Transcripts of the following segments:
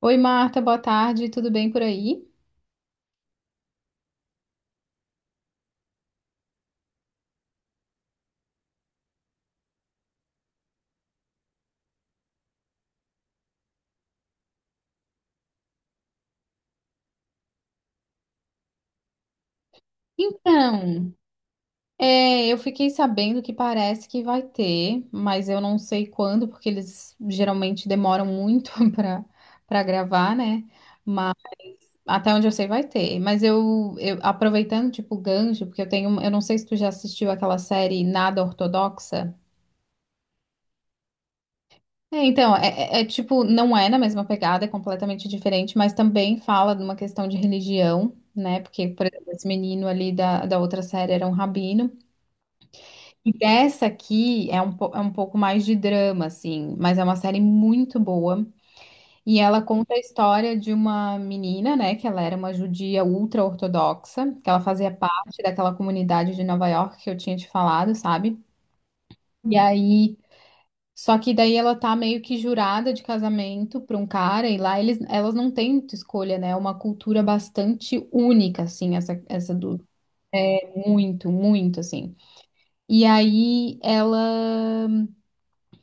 Oi, Marta, boa tarde, tudo bem por aí? Então, eu fiquei sabendo que parece que vai ter, mas eu não sei quando, porque eles geralmente demoram muito para gravar, né? Mas até onde eu sei vai ter. Mas eu aproveitando tipo gancho, porque eu tenho, eu não sei se tu já assistiu aquela série Nada Ortodoxa. É, então, é, é tipo, não é na mesma pegada, é completamente diferente, mas também fala de uma questão de religião, né? Porque, por exemplo, esse menino ali da outra série era um rabino. E dessa aqui é é um pouco mais de drama, assim, mas é uma série muito boa. E ela conta a história de uma menina, né? Que ela era uma judia ultra-ortodoxa, que ela fazia parte daquela comunidade de Nova York que eu tinha te falado, sabe? E aí, só que daí ela tá meio que jurada de casamento pra um cara, e lá elas não têm muita escolha, né? É uma cultura bastante única, assim, essa do. Muito, muito, assim. E aí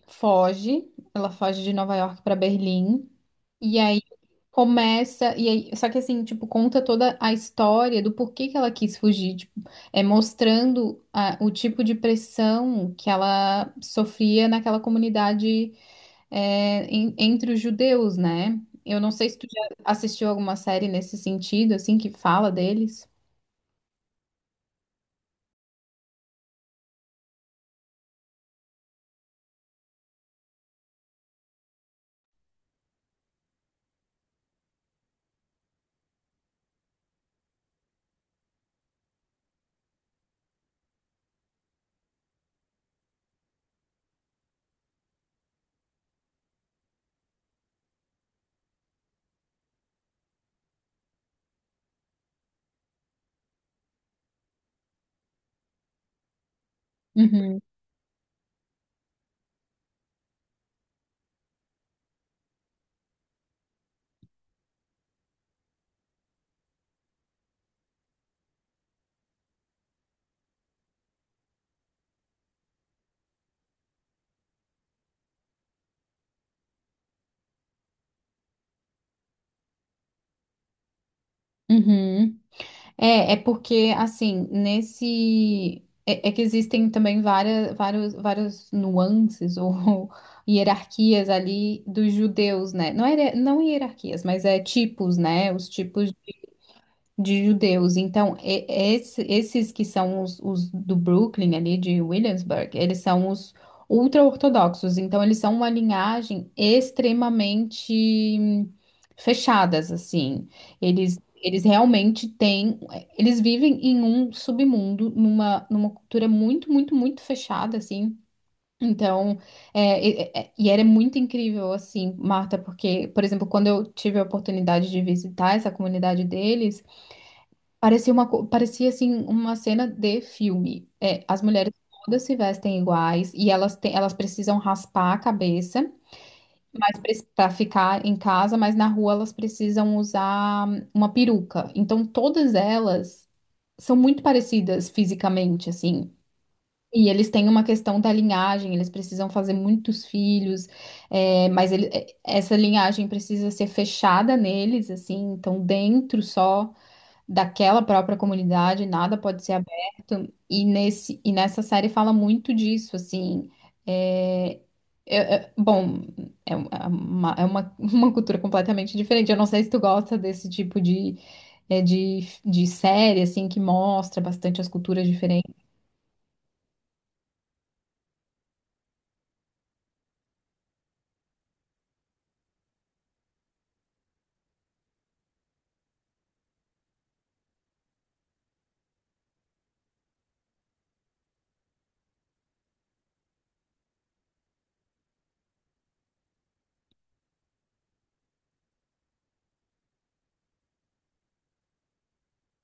foge, ela foge de Nova York pra Berlim, e aí começa. E aí, só que assim, tipo, conta toda a história do porquê que ela quis fugir, tipo, é mostrando o tipo de pressão que ela sofria naquela comunidade entre os judeus, né? Eu não sei se tu já assistiu alguma série nesse sentido, assim, que fala deles. Uhum, uhum. É porque, assim, nesse. É que existem também várias nuances ou hierarquias ali dos judeus, né? Não, era, não hierarquias, mas é tipos, né? Os tipos de judeus. Então, esses que são os do Brooklyn, ali de Williamsburg, eles são os ultra-ortodoxos. Então, eles são uma linhagem extremamente hum, fechadas, assim. Eles realmente têm. Eles vivem em um submundo, numa cultura muito, muito, muito fechada, assim. Então, e era muito incrível, assim, Marta, porque, por exemplo, quando eu tive a oportunidade de visitar essa comunidade deles, parecia uma, parecia assim uma cena de filme. É, as mulheres todas se vestem iguais e elas têm, elas precisam raspar a cabeça, mas para ficar em casa, mas na rua elas precisam usar uma peruca. Então todas elas são muito parecidas fisicamente, assim. E eles têm uma questão da linhagem, eles precisam fazer muitos filhos, essa linhagem precisa ser fechada neles, assim, então dentro só daquela própria comunidade, nada pode ser aberto. E nesse e nessa série fala muito disso, assim. É, bom, é uma, uma cultura completamente diferente. Eu não sei se tu gosta desse tipo de, de série, assim, que mostra bastante as culturas diferentes.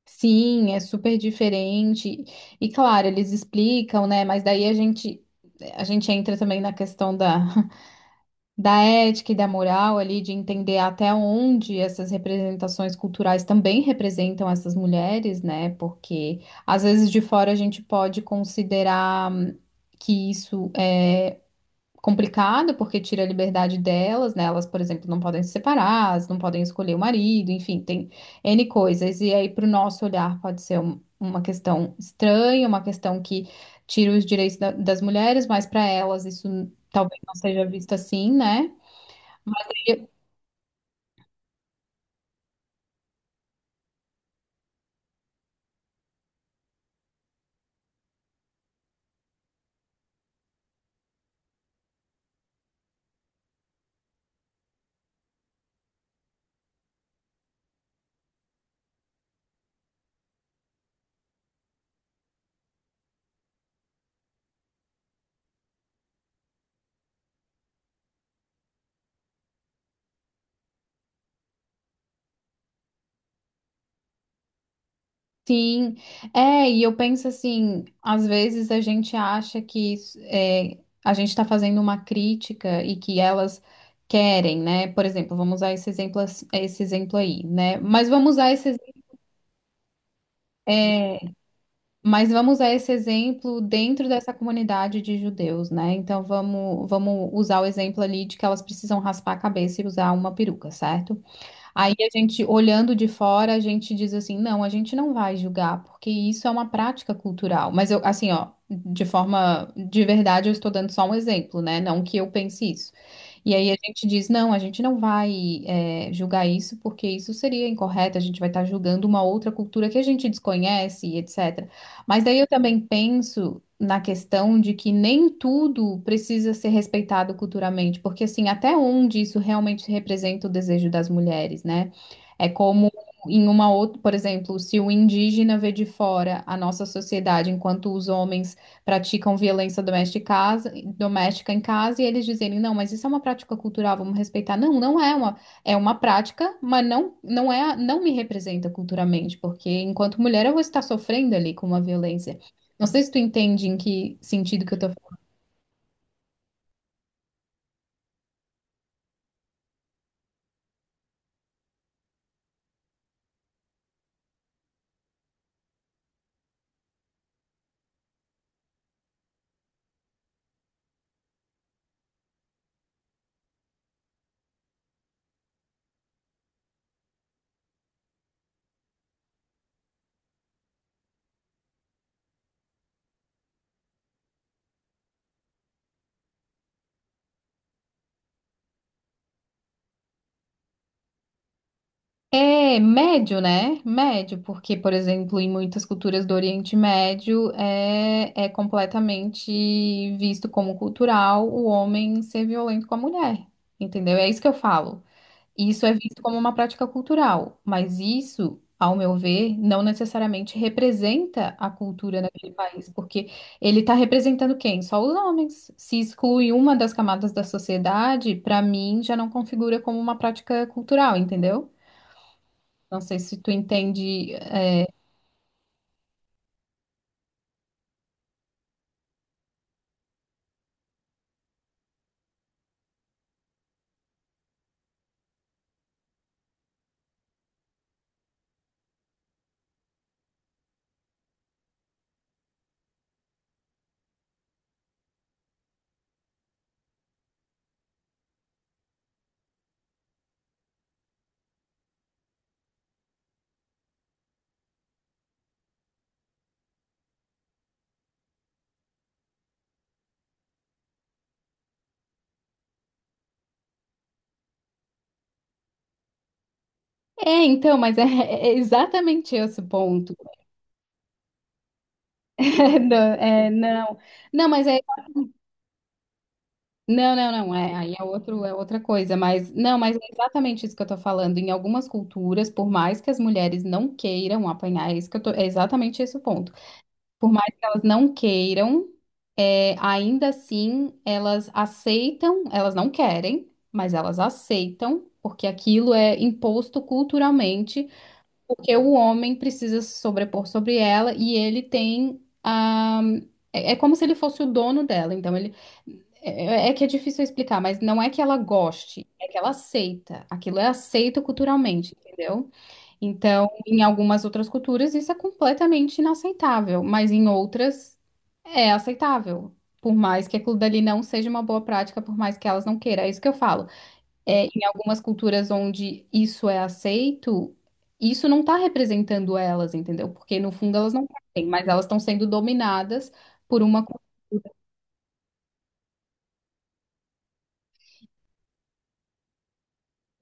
Sim, é super diferente. E claro, eles explicam, né? Mas daí a gente entra também na questão da da ética e da moral ali, de entender até onde essas representações culturais também representam essas mulheres, né? Porque às vezes de fora a gente pode considerar que isso é complicado porque tira a liberdade delas, né? Elas, por exemplo, não podem se separar, elas não podem escolher o marido, enfim, tem N coisas. E aí, para o nosso olhar, pode ser uma questão estranha, uma questão que tira os direitos das mulheres, mas para elas isso talvez não seja visto assim, né? Sim, é, e eu penso assim, às vezes a gente acha que é, a gente está fazendo uma crítica e que elas querem, né? Por exemplo, vamos usar esse exemplo, esse exemplo aí, né? Mas vamos usar esse, é, exemplo dentro dessa comunidade de judeus, né? Então vamos, vamos usar o exemplo ali de que elas precisam raspar a cabeça e usar uma peruca, certo? Aí a gente, olhando de fora, a gente diz assim, não, a gente não vai julgar, porque isso é uma prática cultural. Mas eu, assim, ó, de forma, de verdade, eu estou dando só um exemplo, né? Não que eu pense isso. E aí a gente diz, não, a gente não vai, julgar isso, porque isso seria incorreto, a gente vai estar julgando uma outra cultura que a gente desconhece, etc. Mas daí eu também penso na questão de que nem tudo precisa ser respeitado culturalmente, porque assim, até onde isso realmente representa o desejo das mulheres, né? É como em uma outra, por exemplo, se o indígena vê de fora a nossa sociedade, enquanto os homens praticam violência doméstica, doméstica em casa, e eles dizerem, não, mas isso é uma prática cultural, vamos respeitar. Não, é uma prática, mas não, não é, não me representa culturalmente, porque enquanto mulher eu vou estar sofrendo ali com uma violência. Não sei se tu entende em que sentido que eu tô falando. É médio, né? Médio, porque, por exemplo, em muitas culturas do Oriente Médio é completamente visto como cultural o homem ser violento com a mulher, entendeu? É isso que eu falo. Isso é visto como uma prática cultural, mas isso, ao meu ver, não necessariamente representa a cultura naquele país, porque ele está representando quem? Só os homens. Se exclui uma das camadas da sociedade, para mim já não configura como uma prática cultural, entendeu? Não sei se tu entende. É, então, mas é, é exatamente esse o ponto. É, não, é, não, não, mas é Não, não, não, aí é outro, é outra coisa, mas não, mas é exatamente isso que eu tô falando. Em algumas culturas, por mais que as mulheres não queiram apanhar, é isso que eu tô, é exatamente esse o ponto. Por mais que elas não queiram, é, ainda assim elas aceitam, elas não querem, mas elas aceitam, porque aquilo é imposto culturalmente porque o homem precisa se sobrepor sobre ela e ele tem a. É é como se ele fosse o dono dela. Então, ele. É que é difícil explicar, mas não é que ela goste, é que ela aceita. Aquilo é aceito culturalmente, entendeu? Então, em algumas outras culturas, isso é completamente inaceitável, mas em outras é aceitável. Por mais que aquilo dali não seja uma boa prática, por mais que elas não queiram. É isso que eu falo em algumas culturas onde isso é aceito, isso não está representando elas, entendeu? Porque no fundo elas não têm, mas elas estão sendo dominadas por uma.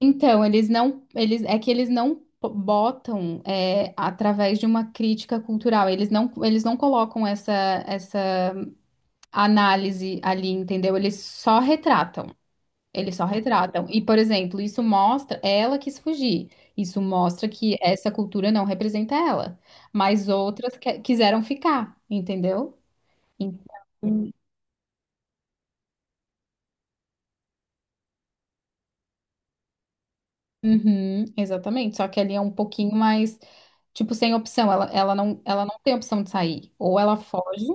Então, eles não, eles é que eles não botam através de uma crítica cultural, eles não colocam essa análise ali, entendeu? Eles só retratam. Eles só retratam. E, por exemplo, isso mostra, é ela quis fugir. Isso mostra que essa cultura não representa ela. Mas outras quiseram ficar, entendeu? Então, uhum, exatamente. Só que ali é um pouquinho mais, tipo, sem opção. Ela, ela não tem opção de sair. Ou ela foge,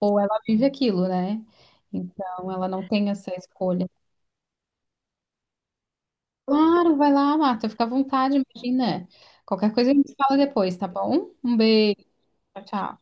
ou ela vive aquilo, né? Então, ela não tem essa escolha. Claro, vai lá, Marta. Fica à vontade, imagina. Qualquer coisa a gente fala depois, tá bom? Um beijo. Tchau, tchau.